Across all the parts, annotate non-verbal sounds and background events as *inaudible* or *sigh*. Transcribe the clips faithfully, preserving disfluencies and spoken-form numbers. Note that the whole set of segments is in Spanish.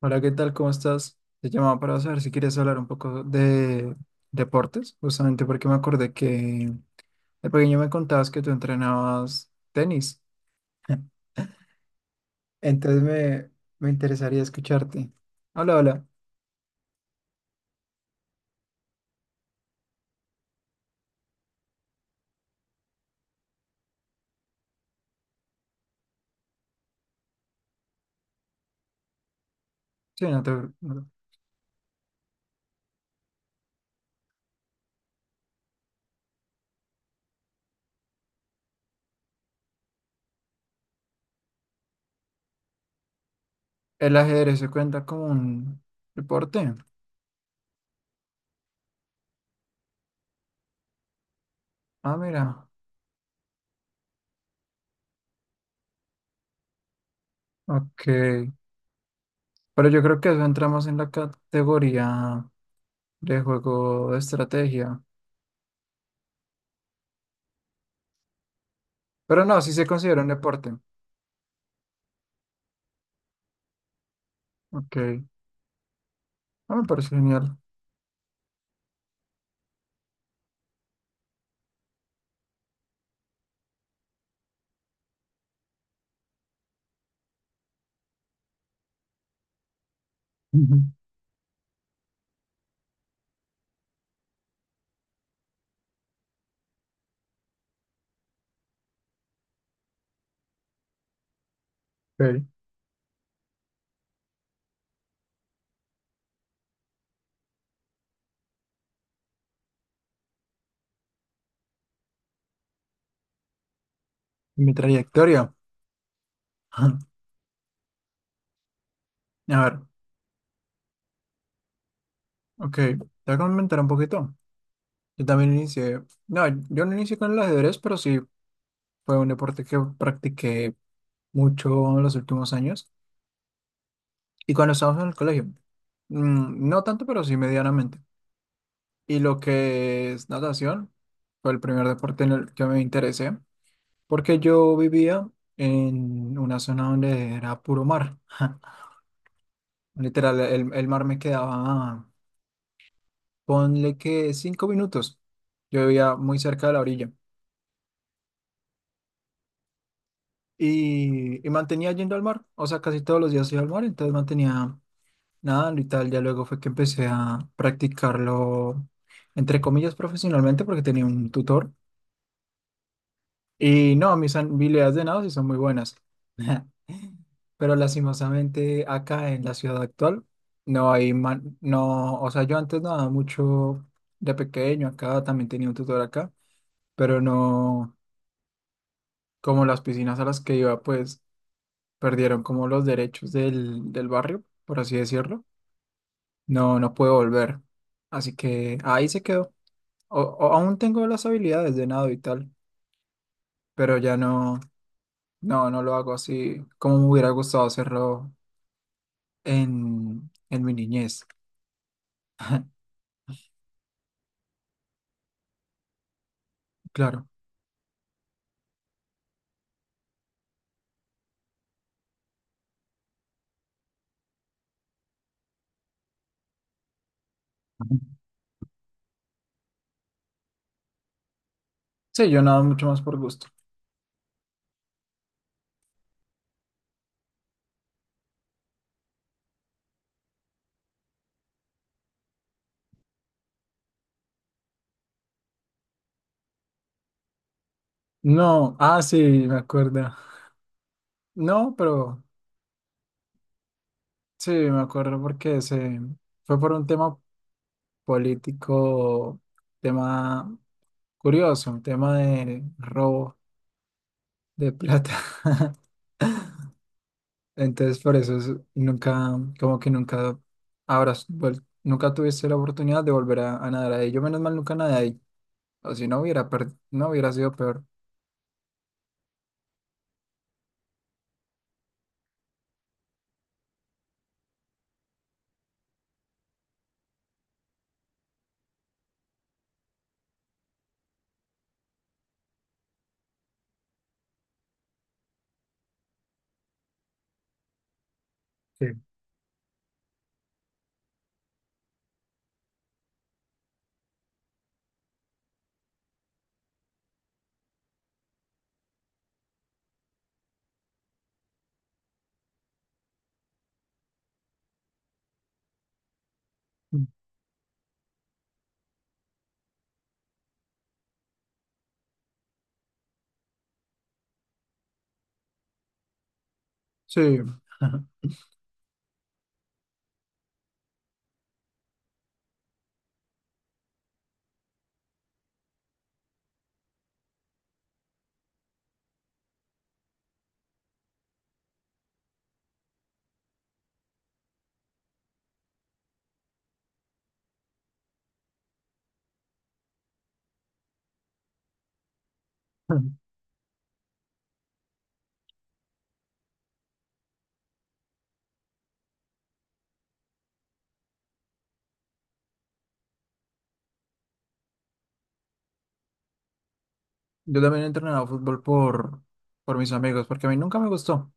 Hola, ¿qué tal? ¿Cómo estás? Te llamaba para saber si quieres hablar un poco de deportes, justamente porque me acordé que de pequeño me contabas que tú entrenabas tenis. *laughs* Entonces me, me interesaría escucharte. Hola, hola. Sí, no te- no- El ajedrez se cuenta como un deporte. Ah, mira. Ok. Pero yo creo que eso entramos en la categoría de juego de estrategia. Pero no, sí se considera un deporte. Ok. Ah, me parece genial. *laughs* Ok. Mi trayectoria. *clears throat* *laughs* A ver, ok, te voy a comentar un poquito. Yo también inicié, no, yo no inicié con el ajedrez, pero sí fue un deporte que practiqué mucho en los últimos años y cuando estábamos en el colegio. Mm, no tanto, pero sí medianamente. Y lo que es natación fue el primer deporte en el que me interesé, porque yo vivía en una zona donde era puro mar. *laughs* Literal, el, el mar me quedaba ponle que cinco minutos. Yo vivía muy cerca de la orilla y, y mantenía yendo al mar, o sea, casi todos los días iba al mar, entonces mantenía nadando y tal. Ya luego fue que empecé a practicarlo, entre comillas, profesionalmente, porque tenía un tutor. Y no, mis habilidades de nado sí son muy buenas. *laughs* Pero lastimosamente acá en la ciudad actual no hay man- no, o sea, yo antes nadaba mucho de pequeño acá, también tenía un tutor acá, pero no. Como las piscinas a las que iba, pues perdieron como los derechos del, del barrio, por así decirlo. No, no puedo volver. Así que ahí se quedó. O, o- aún tengo las habilidades de nado y tal, pero ya no, no, no lo hago así como me hubiera gustado hacerlo en, en mi niñez, claro. Sí, yo nado mucho más por gusto. No, ah, sí, me acuerdo. No, pero sí, me acuerdo porque se fue por un tema político, tema. Curioso, un tema de robo de plata. *laughs* Entonces, por eso es- nunca, como que nunca habrás vuel- nunca tuviste la oportunidad de volver a, a nadar ahí. Yo, menos mal, nunca nadé ahí. O si no hubiera, per- no hubiera sido peor. Sí. Mm. Sí. *laughs* Yo también he entrenado fútbol por, por mis amigos, porque a mí nunca me gustó.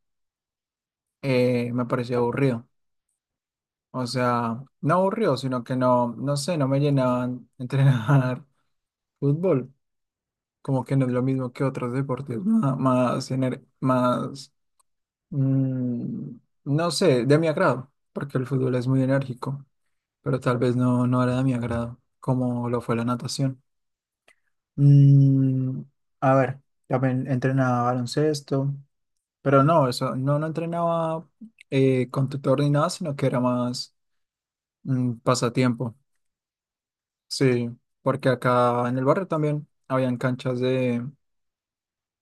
Eh, me parecía aburrido. O sea, no aburrido, sino que no, no sé, no me llenaban entrenar *laughs* fútbol. Como que no es lo mismo que otros deportes ma- más, ener- más, mm, no sé, de mi agrado, porque el fútbol es muy enérgico, pero tal vez no, no era de mi agrado, como lo fue la natación. Mm, a ver, también entrenaba baloncesto, pero no, eso, no, no entrenaba eh, con tutor ni nada, sino que era más mm, pasatiempo, sí, porque acá en el barrio también habían canchas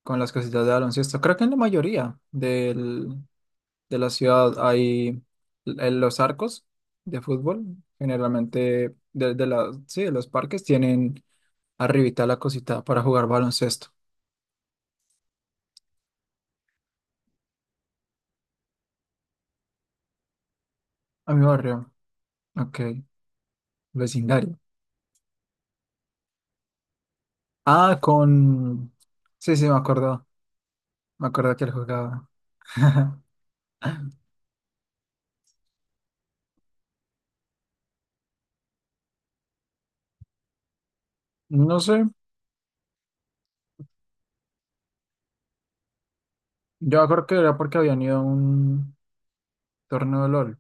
con las casitas de baloncesto. Creo que en la mayoría del- de la ciudad hay en los arcos de fútbol. Generalmente, de, de la- sí, de los parques tienen arribita la cosita para jugar baloncesto. A mi barrio, ok, vecindario. Ah, con. Sí, sí, me acuerdo. Me acuerdo que él jugaba. *laughs* No sé, yo creo que era porque habían ido a un torneo de LOL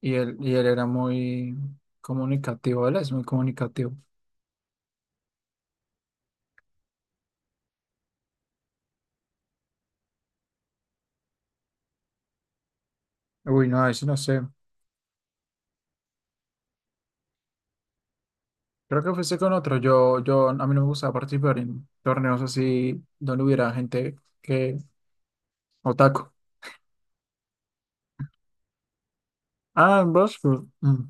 y él, y él era muy comunicativo, él es muy comunicativo. Uy, no, eso no sé. Creo que empecé con otro. Yo, yo, a mí no me gusta participar en torneos así donde hubiera gente que otaku. Ah, en Bosco. Mm,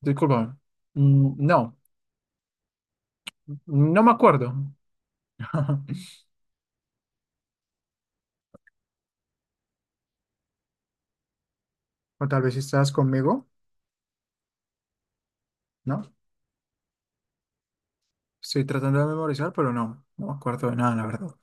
Disculpa. Mm, no, no me acuerdo. *laughs* O tal vez estás conmigo, ¿no? Estoy tratando de memorizar, pero no, no me acuerdo de nada, la verdad.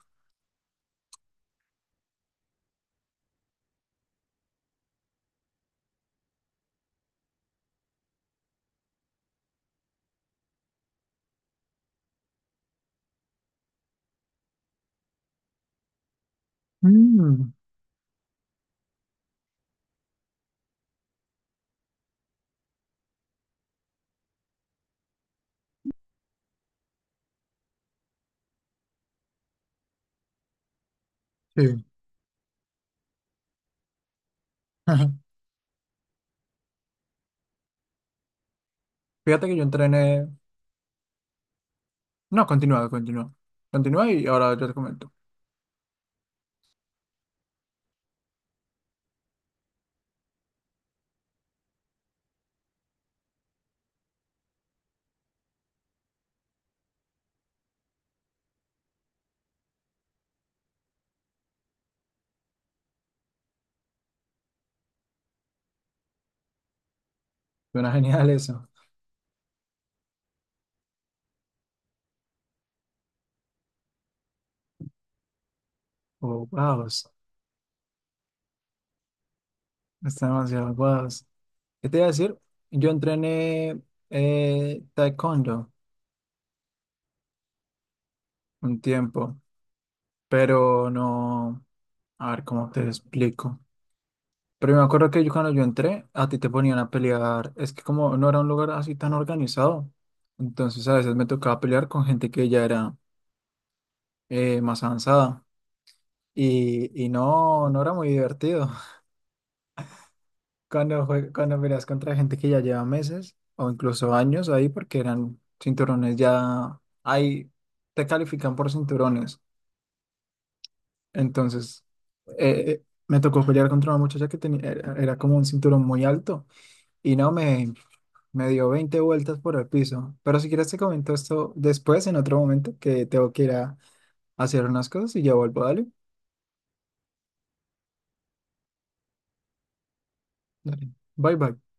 Mm, sí. *laughs* Fíjate que yo entrené. No, continúa, continúa. Continúa y ahora yo te comento. Suena genial eso. Oh, wow. Está demasiado wow. ¿Qué te iba a decir? Yo entrené eh, taekwondo un tiempo, pero no, a ver cómo te explico. Pero me acuerdo que yo cuando yo entré, a ti te ponían a pelear. Es que como no era un lugar así tan organizado, entonces a veces me tocaba pelear con gente que ya era eh, más avanzada y, y no, no era muy divertido. *laughs* Cuando, jue- cuando peleas contra gente que ya lleva meses o incluso años ahí porque eran cinturones ya. Ahí te califican por cinturones. Entonces, eh, eh, me tocó pelear contra una muchacha que tenía, era, era como un cinturón muy alto y no me, me dio veinte vueltas por el piso. Pero si quieres te comento esto después, en otro momento, que tengo que ir a hacer unas cosas y ya vuelvo. Dale. Dale. Bye bye.